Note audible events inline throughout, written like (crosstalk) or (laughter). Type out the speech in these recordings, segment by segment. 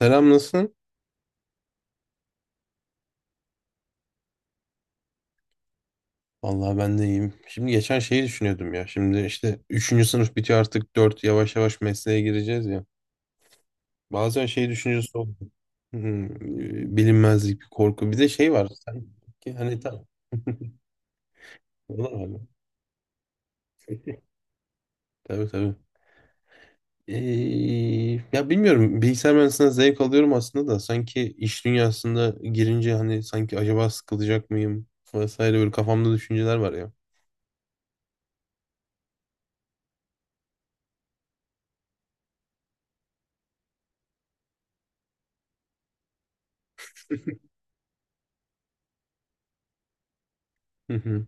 Selam nasılsın? Vallahi ben de iyiyim. Şimdi geçen şeyi düşünüyordum ya. Şimdi işte üçüncü sınıf bitiyor artık 4 yavaş yavaş mesleğe gireceğiz ya. Bazen şey düşüncesi oldu. Hmm, Bilinmezlik bir korku. Bir de şey var. Sanki hani tam. Vallahi. Tabii tabii. Ee, ya bilmiyorum. Bilgisayar mühendisliğinden zevk alıyorum aslında da. Sanki iş dünyasında girince hani sanki acaba sıkılacak mıyım? Vesaire böyle kafamda düşünceler var ya. Hı hı.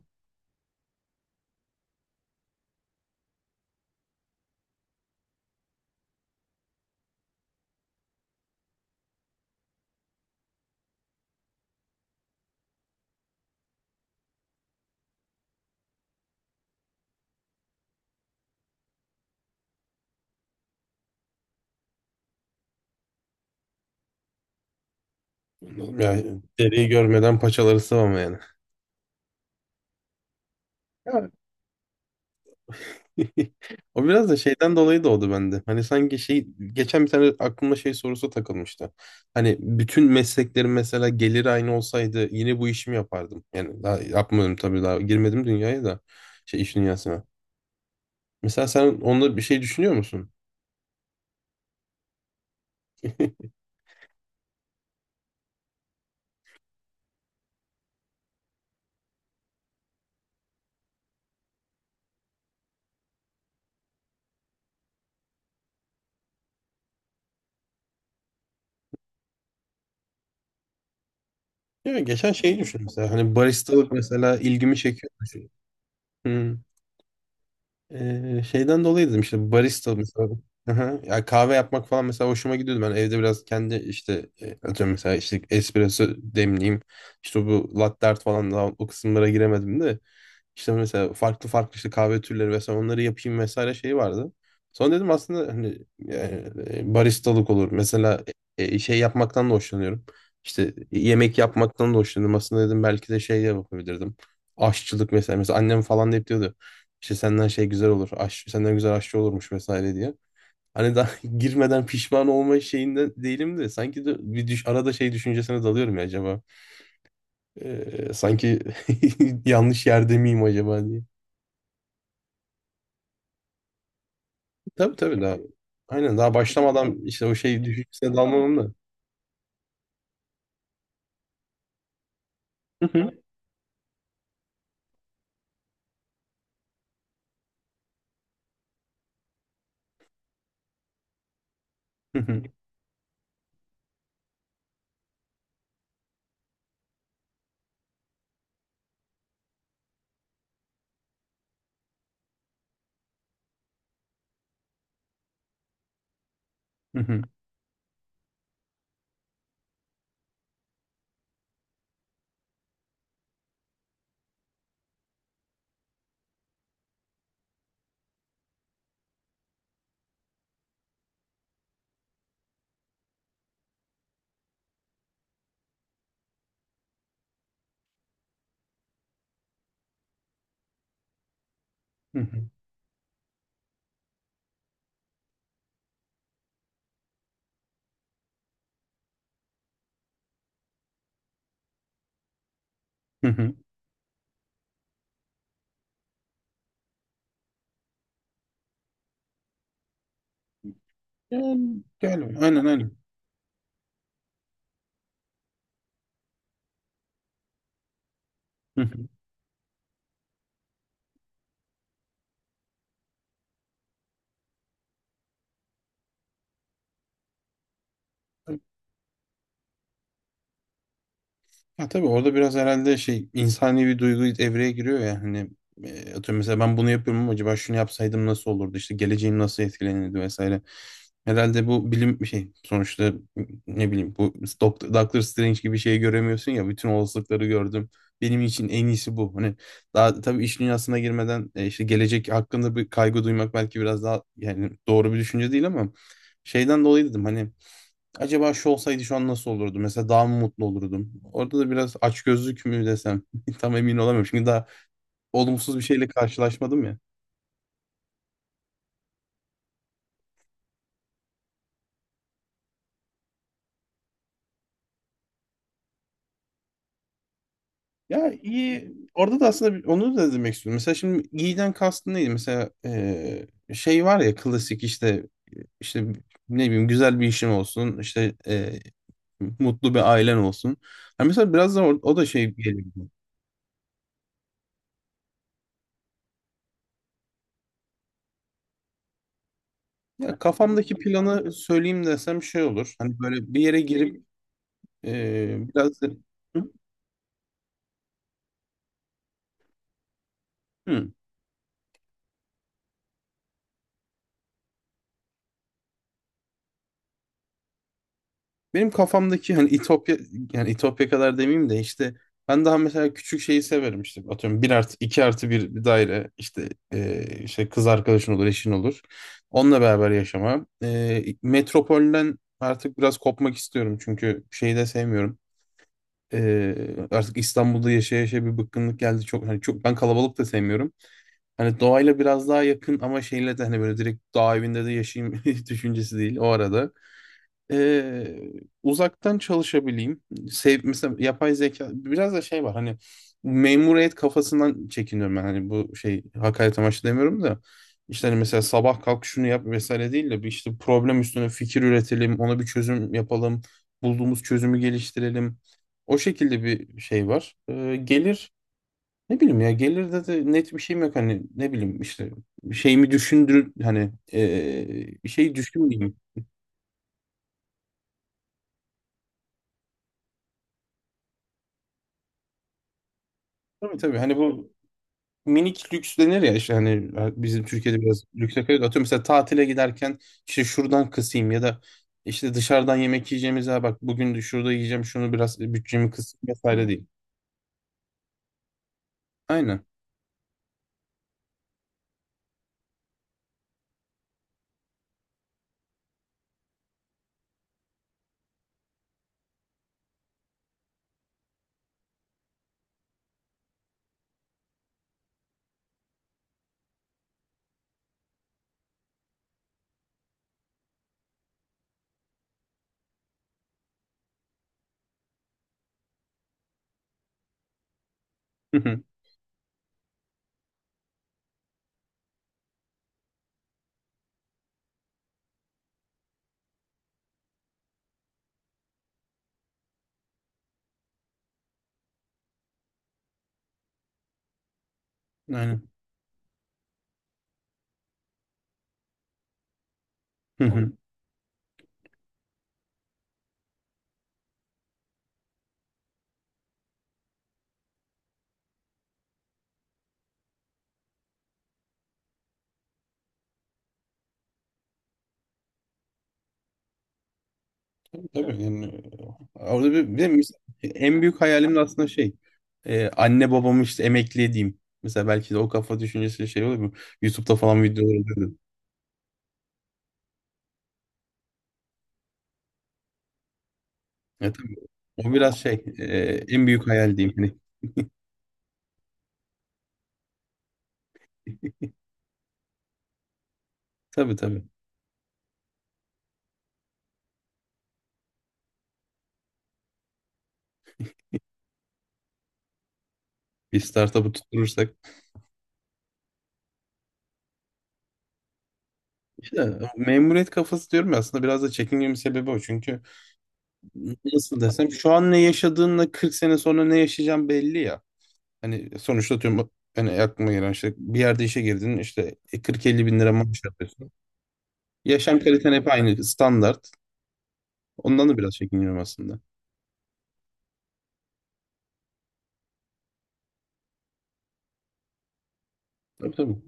Yani deriyi görmeden paçaları sıvama yani. (laughs) O biraz da şeyden dolayı doğdu bende. Hani sanki şey geçen bir tane aklıma şey sorusu takılmıştı. Hani bütün mesleklerin mesela geliri aynı olsaydı yine bu işimi yapardım. Yani daha yapmadım tabii daha girmedim dünyaya da şey iş dünyasına. Mesela sen onda bir şey düşünüyor musun? (laughs) Ya geçen şeyi düşün mesela hani baristalık mesela ilgimi çekiyor. Hı. Şeyden dolayı dedim işte barista mesela. Aha, ya kahve yapmak falan mesela hoşuma gidiyordu. Ben evde biraz kendi işte atıyorum mesela işte espresso demleyeyim. İşte bu latte art falan daha o kısımlara giremedim de. İşte mesela farklı farklı işte kahve türleri vesaire onları yapayım vesaire şey vardı. Sonra dedim aslında hani yani, baristalık olur. Mesela şey yapmaktan da hoşlanıyorum. İşte yemek yapmaktan da hoşlanıyorum. Aslında dedim belki de şey de yapabilirdim. Aşçılık mesela. Mesela annem falan da hep diyordu. İşte senden şey güzel olur. Senden güzel aşçı olurmuş vesaire diye. Hani daha (laughs) girmeden pişman olma şeyinde değilim de sanki de bir arada şey düşüncesine dalıyorum ya acaba. Sanki (laughs) yanlış yerde miyim acaba diye. Tabii tabii daha. Aynen daha başlamadan işte o şey düşüncesine dalmamam da. (laughs) Hı hı, hı hı, hı hı, hı hı. Yani, gel aynen aynen. Hı hı. Ha, tabii orada biraz herhalde şey insani bir duygu devreye giriyor ya hani atıyorum mesela ben bunu yapıyorum ama acaba şunu yapsaydım nasıl olurdu işte geleceğim nasıl etkilenirdi vesaire. Herhalde bu bilim bir şey sonuçta ne bileyim bu Doctor Strange gibi şeyi göremiyorsun ya bütün olasılıkları gördüm. Benim için en iyisi bu. Hani daha tabii iş dünyasına girmeden işte gelecek hakkında bir kaygı duymak belki biraz daha yani doğru bir düşünce değil ama şeyden dolayı dedim hani acaba şu olsaydı şu an nasıl olurdu? Mesela daha mı mutlu olurdum? Orada da biraz açgözlük mü desem (laughs) tam emin olamıyorum. Çünkü daha olumsuz bir şeyle karşılaşmadım ya. Ya iyi. Orada da aslında onu da demek istiyorum. Mesela şimdi iyiden kastın neydi? Mesela şey var ya klasik işte işte ne bileyim güzel bir işin olsun. İşte mutlu bir ailen olsun. Ha mesela biraz da o da şey geliyor. Ya kafamdaki planı söyleyeyim desem şey olur. Hani böyle bir yere girip biraz da... Hı. Benim kafamdaki hani İtopya yani İtopya kadar demeyeyim de işte ben daha mesela küçük şeyi severim işte atıyorum bir artı iki artı bir bir daire işte işte kız arkadaşın olur eşin olur onunla beraber yaşama. Metropolden artık biraz kopmak istiyorum çünkü şeyi de sevmiyorum. Artık İstanbul'da yaşaya yaşaya bir bıkkınlık geldi çok hani çok ben kalabalık da sevmiyorum. Hani doğayla biraz daha yakın ama şeyle de hani böyle direkt dağ evinde de yaşayayım (laughs) düşüncesi değil o arada. Ee, Uzaktan çalışabileyim. Mesela yapay zeka biraz da şey var hani memuriyet kafasından çekiniyorum ben hani bu şey hakaret amaçlı demiyorum da işte hani mesela sabah kalk şunu yap vesaire değil de bir işte problem üstüne fikir üretelim ona bir çözüm yapalım bulduğumuz çözümü geliştirelim o şekilde bir şey var. Gelir ne bileyim ya gelirde de net bir şeyim yok hani ne bileyim işte şeyimi düşündür hani bir şey düşünmeyeyim. Tabii tabii hani bu minik lüks denir ya işte hani bizim Türkiye'de biraz lükse kaçıyor. Atıyorum mesela tatile giderken işte şuradan kısayım ya da işte dışarıdan yemek yiyeceğimiz ya bak bugün de şurada yiyeceğim şunu biraz bütçemi kısayım vesaire değil. Aynen. Hı hı. Aynen. Hı hı. Tabii yani orada bir de mesela en büyük hayalim de aslında şey anne babamı işte emekli edeyim. Mesela belki de o kafa düşüncesi şey olur mu? YouTube'da falan videolar izledim. Tabii. O biraz şey en büyük hayal diyeyim. Hani, tabii tabii. Bir startup'ı tutturursak. Ya, memuriyet kafası diyorum ya aslında biraz da çekingemin sebebi o. Çünkü nasıl desem şu an ne yaşadığınla 40 sene sonra ne yaşayacağım belli ya. Hani sonuçta tüm hani aklıma gelen işte bir yerde işe girdin işte 40-50 bin lira maaş yapıyorsun. Yaşam kaliten hep aynı standart. Ondan da biraz çekiniyorum aslında. Tabii tabii.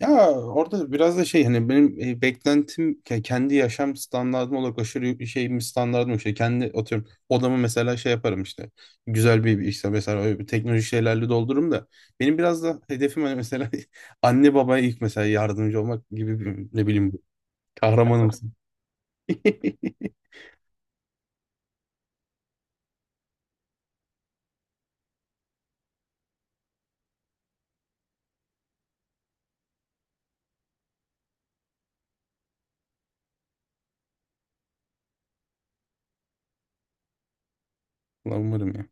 Ya orada biraz da şey hani benim beklentim kendi yaşam standardım olarak aşırı şeyim standardım işte kendi atıyorum odamı mesela şey yaparım işte güzel bir işte mesela öyle bir teknoloji şeylerle doldururum da benim biraz da hedefim hani mesela (laughs) anne babaya ilk mesela yardımcı olmak gibi bir, ne bileyim kahramanımsın. (laughs) Ulan umarım ya.